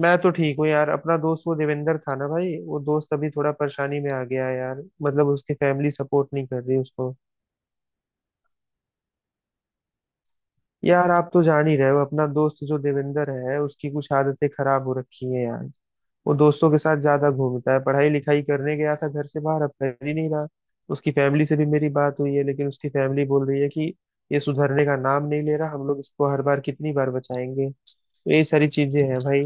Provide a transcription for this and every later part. मैं तो ठीक हूँ यार। अपना दोस्त वो देवेंद्र था ना भाई, वो दोस्त अभी थोड़ा परेशानी में आ गया है यार। मतलब उसकी फैमिली सपोर्ट नहीं कर रही उसको। यार आप तो जान ही रहे हो, अपना दोस्त जो देवेंद्र है उसकी कुछ आदतें खराब हो रखी हैं यार। वो दोस्तों के साथ ज्यादा घूमता है, पढ़ाई लिखाई करने गया था घर से बाहर, अब कर ही नहीं रहा। उसकी फैमिली से भी मेरी बात हुई है, लेकिन उसकी फैमिली बोल रही है कि ये सुधरने का नाम नहीं ले रहा, हम लोग इसको हर बार कितनी बार बचाएंगे। तो ये सारी चीजें हैं भाई।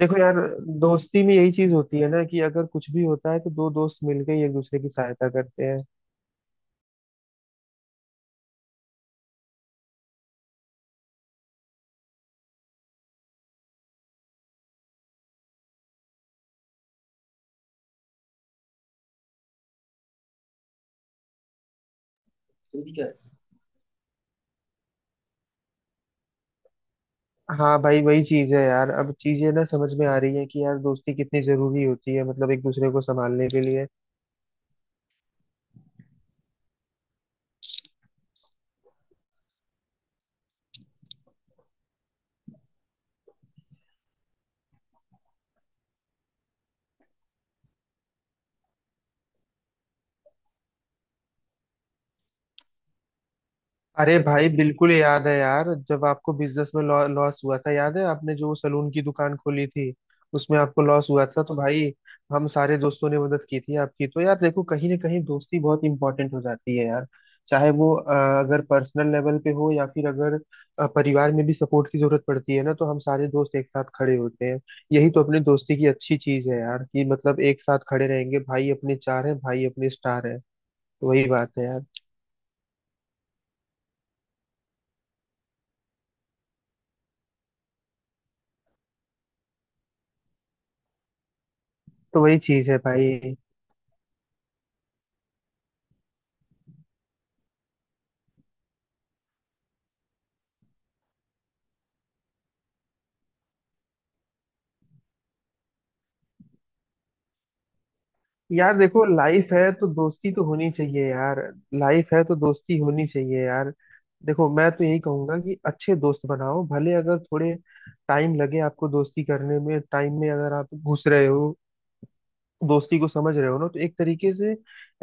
देखो यार, दोस्ती में यही चीज होती है ना कि अगर कुछ भी होता है तो दो दोस्त मिलकर ही एक दूसरे की सहायता करते हैं। सीरियस। हाँ भाई, वही चीज है यार। अब चीजें ना समझ में आ रही है कि यार दोस्ती कितनी जरूरी होती है, मतलब एक दूसरे को संभालने के लिए। अरे भाई बिल्कुल याद है यार, जब आपको बिजनेस में लॉस हुआ था। याद है आपने जो सलून की दुकान खोली थी, उसमें आपको लॉस हुआ था, तो भाई हम सारे दोस्तों ने मदद की थी आपकी। तो यार देखो, कहीं ना कहीं दोस्ती बहुत इंपॉर्टेंट हो जाती है यार। चाहे वो अगर पर्सनल लेवल पे हो, या फिर अगर परिवार में भी सपोर्ट की जरूरत पड़ती है ना, तो हम सारे दोस्त एक साथ खड़े होते हैं। यही तो अपनी दोस्ती की अच्छी चीज है यार, कि मतलब एक साथ खड़े रहेंगे। भाई अपने चार है, भाई अपने स्टार है। तो वही बात है यार। तो वही चीज है भाई। यार देखो, लाइफ है तो दोस्ती तो होनी चाहिए यार। लाइफ है तो दोस्ती होनी चाहिए यार। देखो मैं तो यही कहूंगा कि अच्छे दोस्त बनाओ, भले अगर थोड़े टाइम लगे आपको दोस्ती करने में। टाइम में अगर आप घुस रहे हो, दोस्ती को समझ रहे हो ना, तो एक तरीके से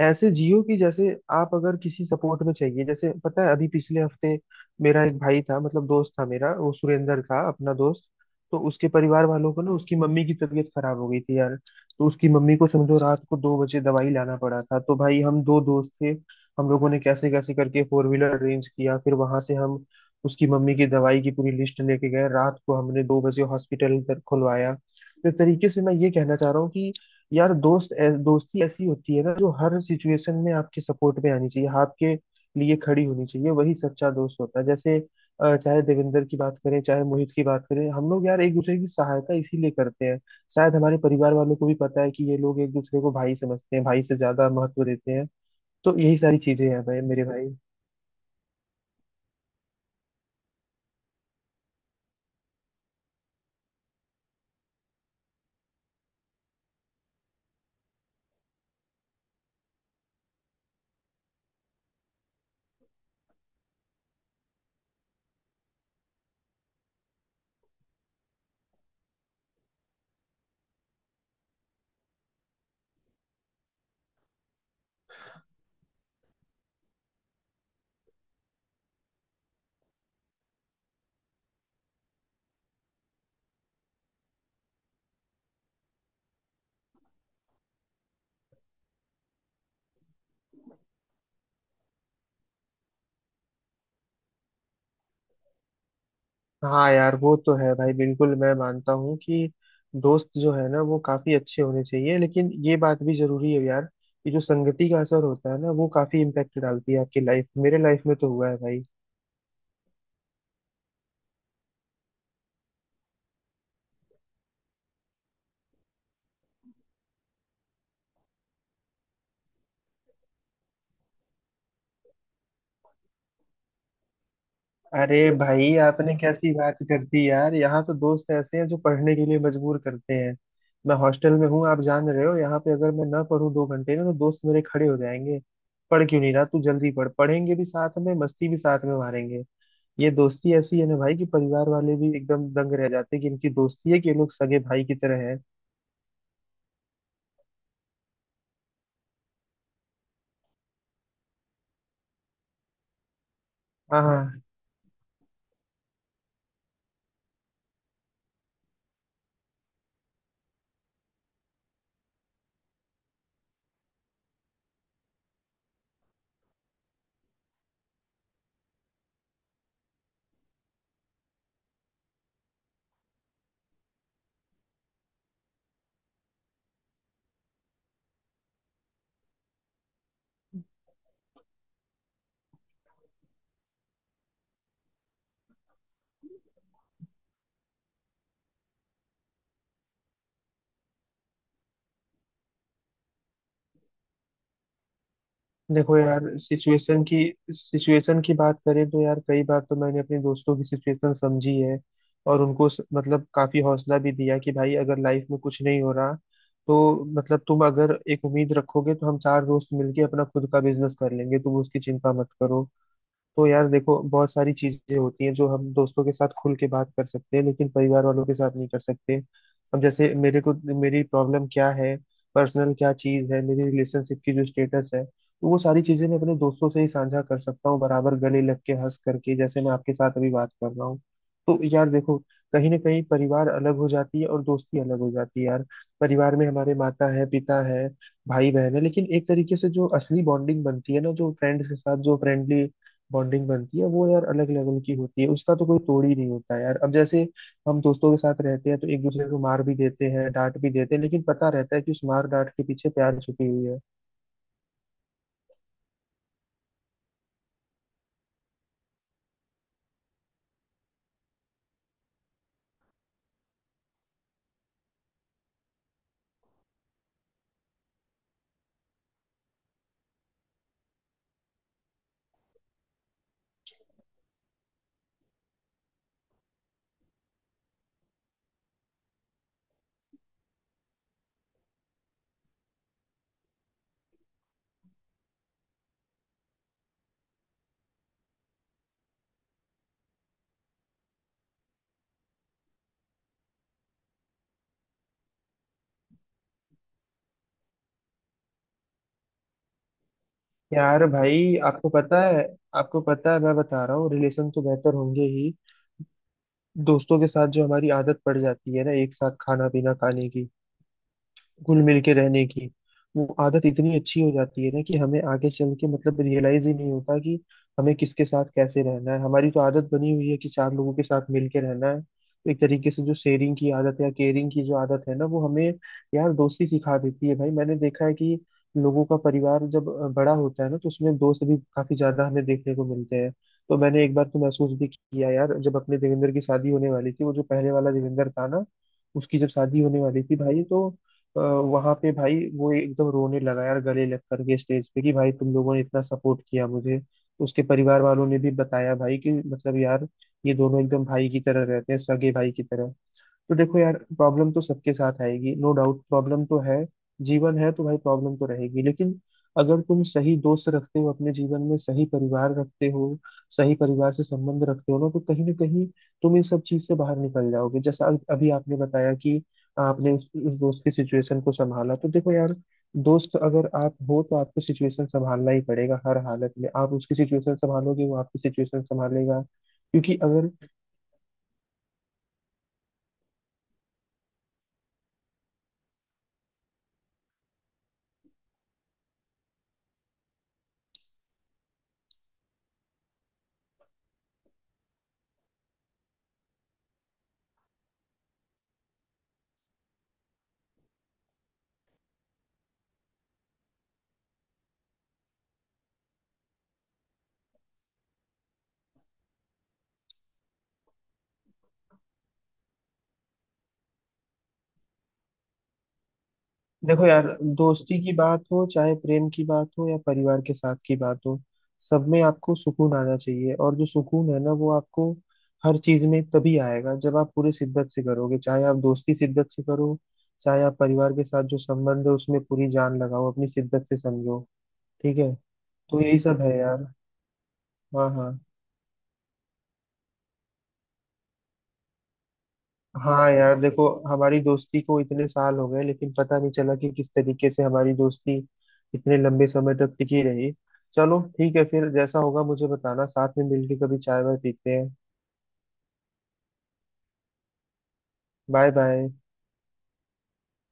ऐसे जियो कि जैसे आप अगर किसी सपोर्ट में चाहिए। जैसे पता है अभी पिछले हफ्ते मेरा एक भाई था, मतलब दोस्त था मेरा, वो सुरेंद्र था अपना दोस्त। तो उसके परिवार वालों को ना, उसकी मम्मी की तबीयत खराब हो गई थी यार। तो उसकी मम्मी को समझो रात को दो बजे दवाई लाना पड़ा था, तो भाई हम दो दोस्त थे। हम लोगों ने कैसे कैसे करके फोर व्हीलर अरेंज किया, फिर वहां से हम उसकी मम्मी की दवाई की पूरी लिस्ट लेके गए, रात को हमने दो बजे हॉस्पिटल खुलवाया। तो एक तरीके से मैं ये कहना चाह रहा हूँ कि यार दोस्त दोस्ती ऐसी होती है ना, जो हर सिचुएशन में आपके सपोर्ट में आनी चाहिए, आपके लिए खड़ी होनी चाहिए, वही सच्चा दोस्त होता है। जैसे चाहे देवेंद्र की बात करें, चाहे मोहित की बात करें, हम लोग यार एक दूसरे की सहायता इसीलिए करते हैं। शायद हमारे परिवार वालों को भी पता है कि ये लोग एक दूसरे को भाई समझते हैं, भाई से ज्यादा महत्व देते हैं। तो यही सारी चीजें हैं भाई मेरे भाई। हाँ यार वो तो है भाई, बिल्कुल मैं मानता हूँ कि दोस्त जो है ना वो काफी अच्छे होने चाहिए, लेकिन ये बात भी जरूरी है यार कि जो संगति का असर होता है ना, वो काफी इम्पैक्ट डालती है आपकी लाइफ। मेरे लाइफ में तो हुआ है भाई। अरे भाई आपने कैसी बात कर दी यार, यहाँ तो दोस्त ऐसे हैं जो पढ़ने के लिए मजबूर करते हैं। मैं हॉस्टल में हूँ आप जान रहे हो, यहाँ पे अगर मैं ना पढूं दो घंटे ना, तो दोस्त मेरे खड़े हो जाएंगे, पढ़ क्यों नहीं रहा तू, जल्दी पढ़। पढ़ेंगे भी साथ में, मस्ती भी साथ में मारेंगे। ये दोस्ती ऐसी है ना भाई कि परिवार वाले भी एकदम दंग रह जाते हैं कि इनकी दोस्ती है कि ये लोग सगे भाई की तरह है। हाँ हाँ। देखो यार सिचुएशन की बात करें, तो यार कई बार तो मैंने अपने दोस्तों की सिचुएशन समझी है, और उनको मतलब काफी हौसला भी दिया कि भाई अगर लाइफ में कुछ नहीं हो रहा, तो मतलब तुम अगर एक उम्मीद रखोगे तो हम चार दोस्त मिलके अपना खुद का बिजनेस कर लेंगे, तुम उसकी चिंता मत करो। तो यार देखो बहुत सारी चीजें होती हैं जो हम दोस्तों के साथ खुल के बात कर सकते हैं, लेकिन परिवार वालों के साथ नहीं कर सकते। अब जैसे मेरे को, मेरी प्रॉब्लम क्या है, पर्सनल क्या चीज है, मेरी रिलेशनशिप की जो स्टेटस है, तो वो सारी चीजें मैं अपने दोस्तों से ही साझा कर सकता हूँ, बराबर गले लग के हंस करके जैसे मैं आपके साथ अभी बात कर रहा हूँ। तो यार देखो, कहीं ना कहीं परिवार अलग हो जाती है और दोस्ती अलग हो जाती है यार। परिवार में हमारे माता है, पिता है, भाई बहन है, लेकिन एक तरीके से जो असली बॉन्डिंग बनती है ना, जो फ्रेंड्स के साथ जो फ्रेंडली बॉन्डिंग बनती है, वो यार अलग लेवल की होती है, उसका तो कोई तोड़ ही नहीं होता यार। अब जैसे हम दोस्तों के साथ रहते हैं तो एक दूसरे को मार भी देते हैं, डांट भी देते हैं, लेकिन पता रहता है कि उस मार डांट के पीछे प्यार छुपी हुई है। यार भाई आपको पता है मैं बता रहा हूँ, रिलेशन तो बेहतर होंगे ही। दोस्तों के साथ जो हमारी आदत पड़ जाती है ना, एक साथ खाना पीना खाने की, घुल मिल के रहने की, वो आदत इतनी अच्छी हो जाती है ना कि हमें आगे चल के मतलब रियलाइज ही नहीं होता कि हमें किसके साथ कैसे रहना है। हमारी तो आदत बनी हुई है कि चार लोगों के साथ मिल के रहना है, तो एक तरीके से जो शेयरिंग की आदत या केयरिंग की जो आदत है ना, वो हमें यार दोस्ती सिखा देती है भाई। मैंने देखा है कि लोगों का परिवार जब बड़ा होता है ना, तो उसमें दोस्त भी काफी ज्यादा हमें देखने को मिलते हैं। तो मैंने एक बार तो महसूस भी किया यार, जब अपने देवेंद्र की शादी होने वाली थी, वो जो पहले वाला देवेंद्र था ना, उसकी जब शादी होने वाली थी भाई, तो वहां पे भाई वो एकदम रोने लगा यार, गले लग करके स्टेज पे, कि भाई तुम लोगों ने इतना सपोर्ट किया मुझे। उसके परिवार वालों ने भी बताया भाई कि मतलब यार ये दोनों एकदम भाई की तरह रहते हैं, सगे भाई की तरह। तो देखो यार प्रॉब्लम तो सबके साथ आएगी, नो डाउट, प्रॉब्लम तो है। जीवन है तो भाई प्रॉब्लम तो रहेगी, लेकिन अगर तुम सही दोस्त रखते हो अपने जीवन में, सही परिवार रखते हो, सही परिवार से संबंध रखते हो ना, तो कहीं ना कहीं तुम इन सब चीज से बाहर निकल जाओगे। जैसा अभी अभी आपने बताया कि आपने उस दोस्त की सिचुएशन को संभाला, तो देखो यार, दोस्त अगर आप हो तो आपको सिचुएशन संभालना ही पड़ेगा। हर हालत में आप उसकी सिचुएशन संभालोगे, वो आपकी सिचुएशन संभालेगा। क्योंकि अगर, देखो यार दोस्ती की बात हो, चाहे प्रेम की बात हो, या परिवार के साथ की बात हो, सब में आपको सुकून आना चाहिए। और जो सुकून है ना वो आपको हर चीज में तभी आएगा जब आप पूरे शिद्दत से करोगे। चाहे आप दोस्ती शिद्दत से करो, चाहे आप परिवार के साथ जो संबंध है उसमें पूरी जान लगाओ अपनी शिद्दत से, समझो। ठीक है। तो यही सब है यार। हाँ हाँ। हाँ यार देखो हमारी दोस्ती को इतने साल हो गए, लेकिन पता नहीं चला कि किस तरीके से हमारी दोस्ती इतने लंबे समय तक टिकी रही। चलो ठीक है फिर, जैसा होगा मुझे बताना, साथ में मिलके कभी चाय वाय पीते हैं। Bye bye.